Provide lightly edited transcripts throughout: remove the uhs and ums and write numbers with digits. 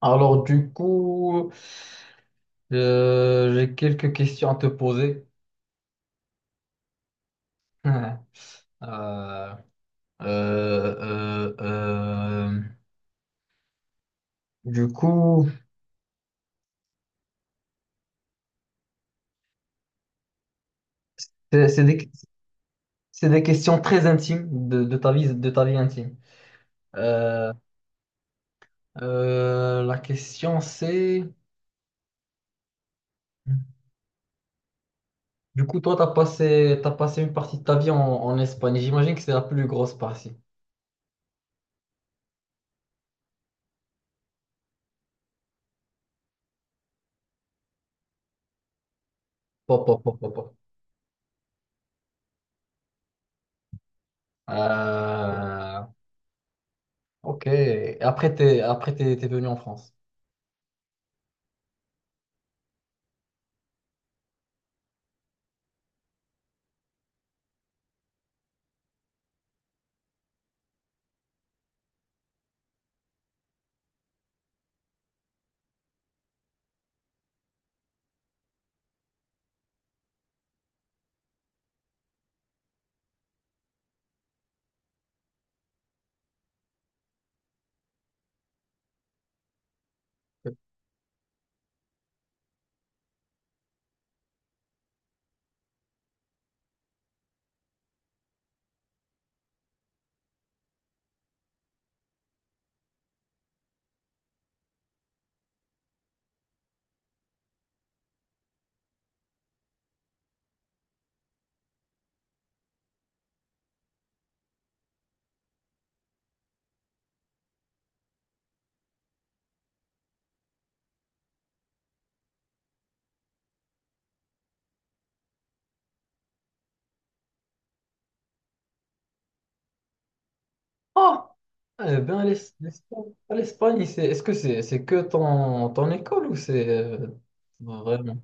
Alors du coup, j'ai quelques questions à te poser. Euh, euh, euh, euh, du coup, c'est c'est des, c'est des questions très intimes de ta vie intime. Euh, la question c'est, du coup, toi, t'as passé une partie de ta vie en Espagne. J'imagine que c'est la plus grosse partie. Pop, pop, pop, pop, pop. Euh, ok. Et t'es venu en France. Ah! Eh bien, l'Espagne, ah, l'Espagne, c'est, est-ce que c'est que ton école ou c'est vraiment?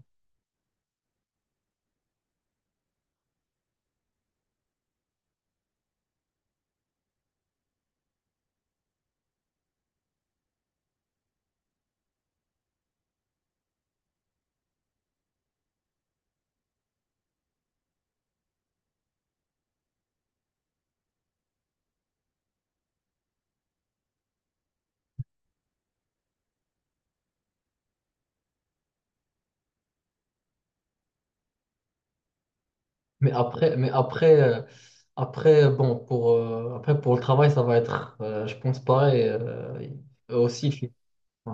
Mais après, mais après, euh, après, pour le travail, ça va être, je pense, pareil. Eux aussi, ils finissent. Ouais.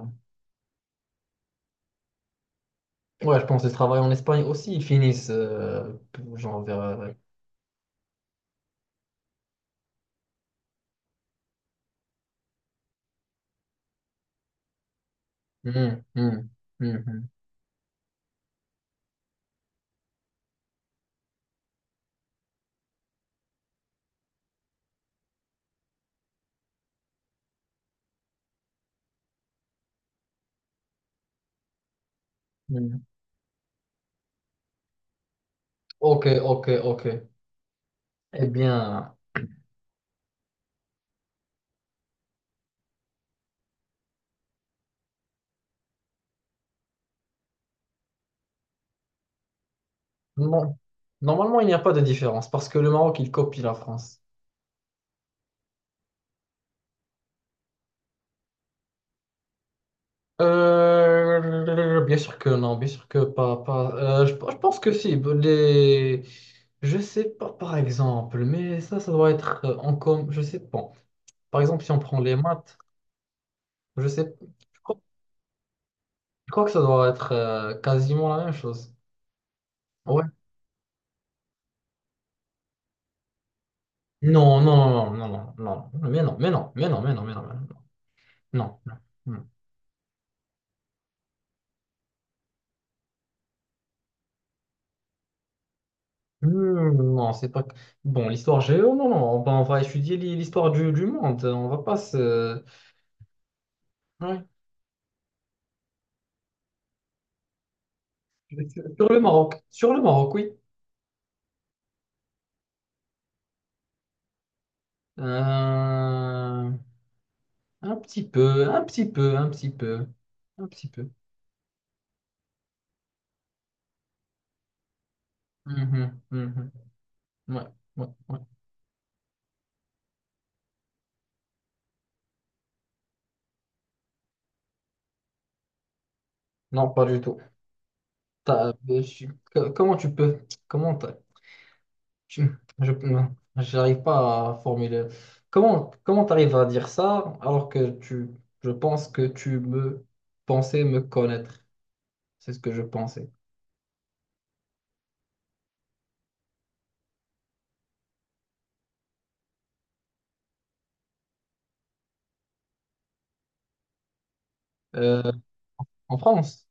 Ouais, je pense que le travail en Espagne aussi, ils finissent, genre vers. Hum, hum, hum, hum. Ok, ok, ok. Eh bien, non. Normalement, il n'y a pas de différence parce que le Maroc, il copie la France. Bien sûr que non, bien sûr que pas. Je pense que si. Les... Je sais pas, par exemple, mais ça doit être en com. Je sais pas. Par exemple, si on prend les maths, je sais. Je crois, je crois que ça doit être quasiment la même chose. Ouais. Non, non, non, non, non, non, mais non, mais non, mais non, mais non, mais non, mais non, non, non, non, Hmm, non, c'est pas. Bon, l'histoire géo, non, non, ben, on va étudier l'histoire du monde. On va pas se. Ouais. Je vais Sur sur le Maroc, oui. Euh, un petit peu, un petit peu, un petit peu, un petit peu. Mhm, mhm. Ouais, ouais, ouais. Non, pas du tout. T'as- euh, je suis- Comment tu peux, comment t'as- tu- je, non, j'arrive pas à formuler. Comment t'arrives à dire ça alors que je pense que tu me pensais me connaître. C'est ce que je pensais. Euh, en France,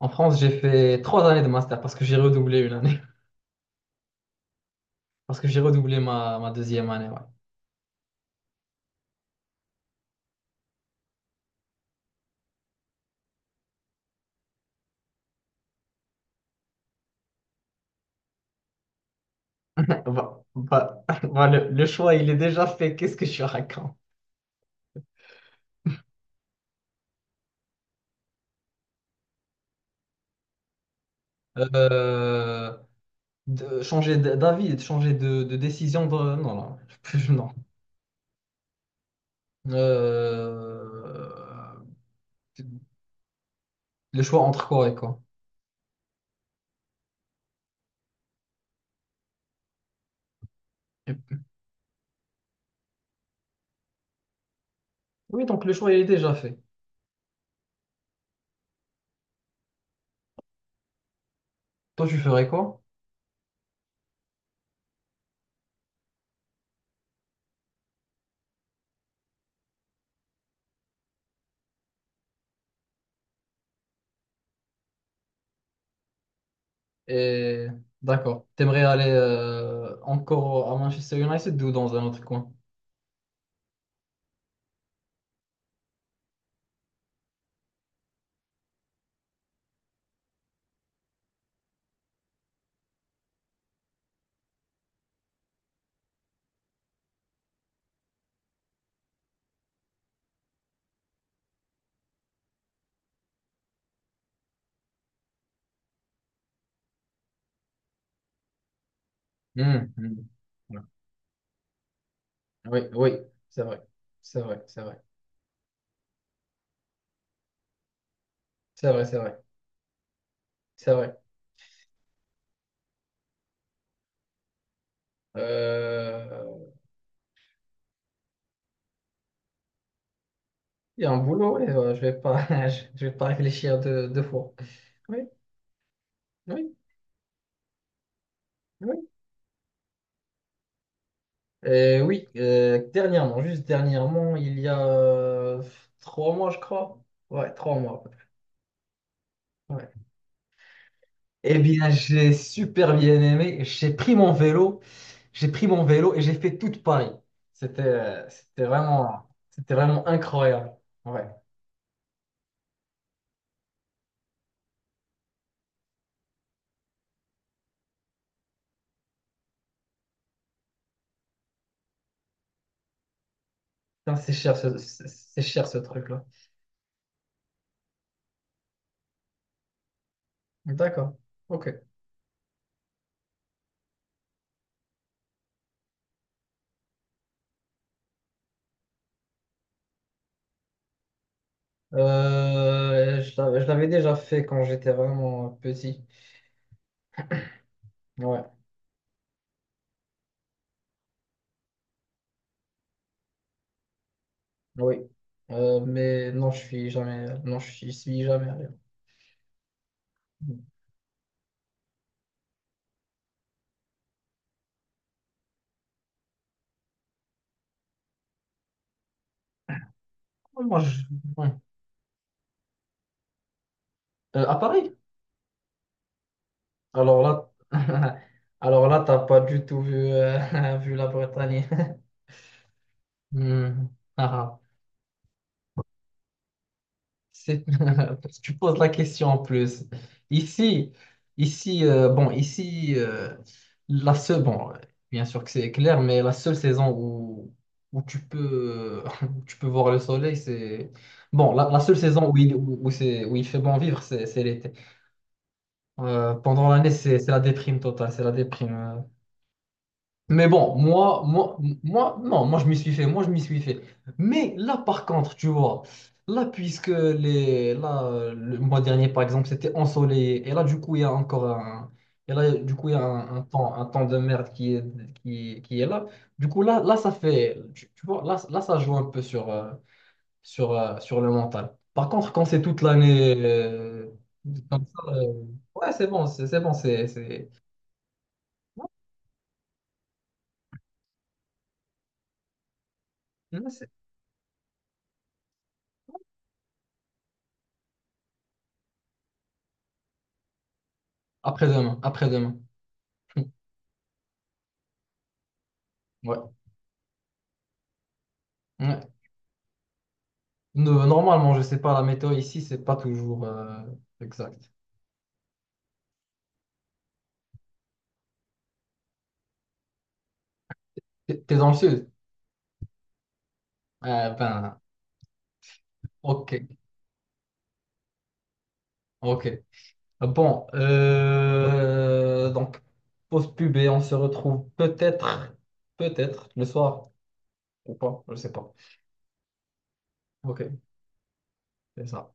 en France, j'ai fait 3 années de master parce que j'ai redoublé une année. Parce que j'ai redoublé ma deuxième année, ouais. Bah, bah, bah, le choix, il est déjà fait. Qu'est-ce que je raconte? Euh, changer d'avis, de changer de décision. Non, non. Non. Euh, le choix entre quoi et quoi? Et- Oui, donc le choix, il est déjà fait. Toi, tu ferais quoi? Et d'accord. T'aimerais aller encore à Manchester United ou dans un autre coin? Hmm, hmm. Oui, oui, c'est vrai. C'est vrai, c'est vrai. C'est vrai, c'est vrai. C'est vrai. Euh, Il y a un boulot, ouais, je vais pas, je vais pas réfléchir deux fois. Oui, oui, oui. Oui, dernièrement, juste dernièrement, il y a 3 mois, je crois. Ouais, 3 mois. Ouais. Eh bien, j'ai super bien aimé. J'ai pris mon vélo et j'ai fait toute Paris. C'était vraiment incroyable. Ouais. Putain, c'est cher ce truc-là. D'accord. Ok. Je l'avais déjà fait quand j'étais vraiment petit. Ouais, oui. Mais non, je suis jamais, non, je suis jamais allé. Moi, je- ouais. À Paris? Alors là, alors là, t'as pas du tout vu la Bretagne. Hmm. Ah, ah. C'est- Parce que tu poses la question en plus. Ici, ici, la seule, bon, bien sûr que c'est clair, mais la seule saison où tu peux voir le soleil, la seule saison où il fait bon vivre, c'est l'été. Pendant l'année, c'est la déprime totale, c'est la déprime. Mais bon, moi, moi, moi, non, moi je m'y suis fait, moi je m'y suis fait. Mais là, par contre, tu vois, là, là, le mois dernier, par exemple, c'était ensoleillé, et là, du coup, il y a encore un, et là, du coup, il y a un temps, de merde qui est là. Du coup, là, tu vois, là, ça joue un peu sur le mental. Par contre, quand c'est toute l'année, comme ça, ouais, c'est bon, c'est bon, c'est, ouais, après-demain, après-demain. Ouais. Ouais. Normalement, je sais pas, la météo ici, c'est pas toujours exact. T'es dans le sud? Ah, ben, ok, ok. Bon, donc, pause pub et on se retrouve peut-être le soir ou pas, je sais pas. Ok, c'est ça.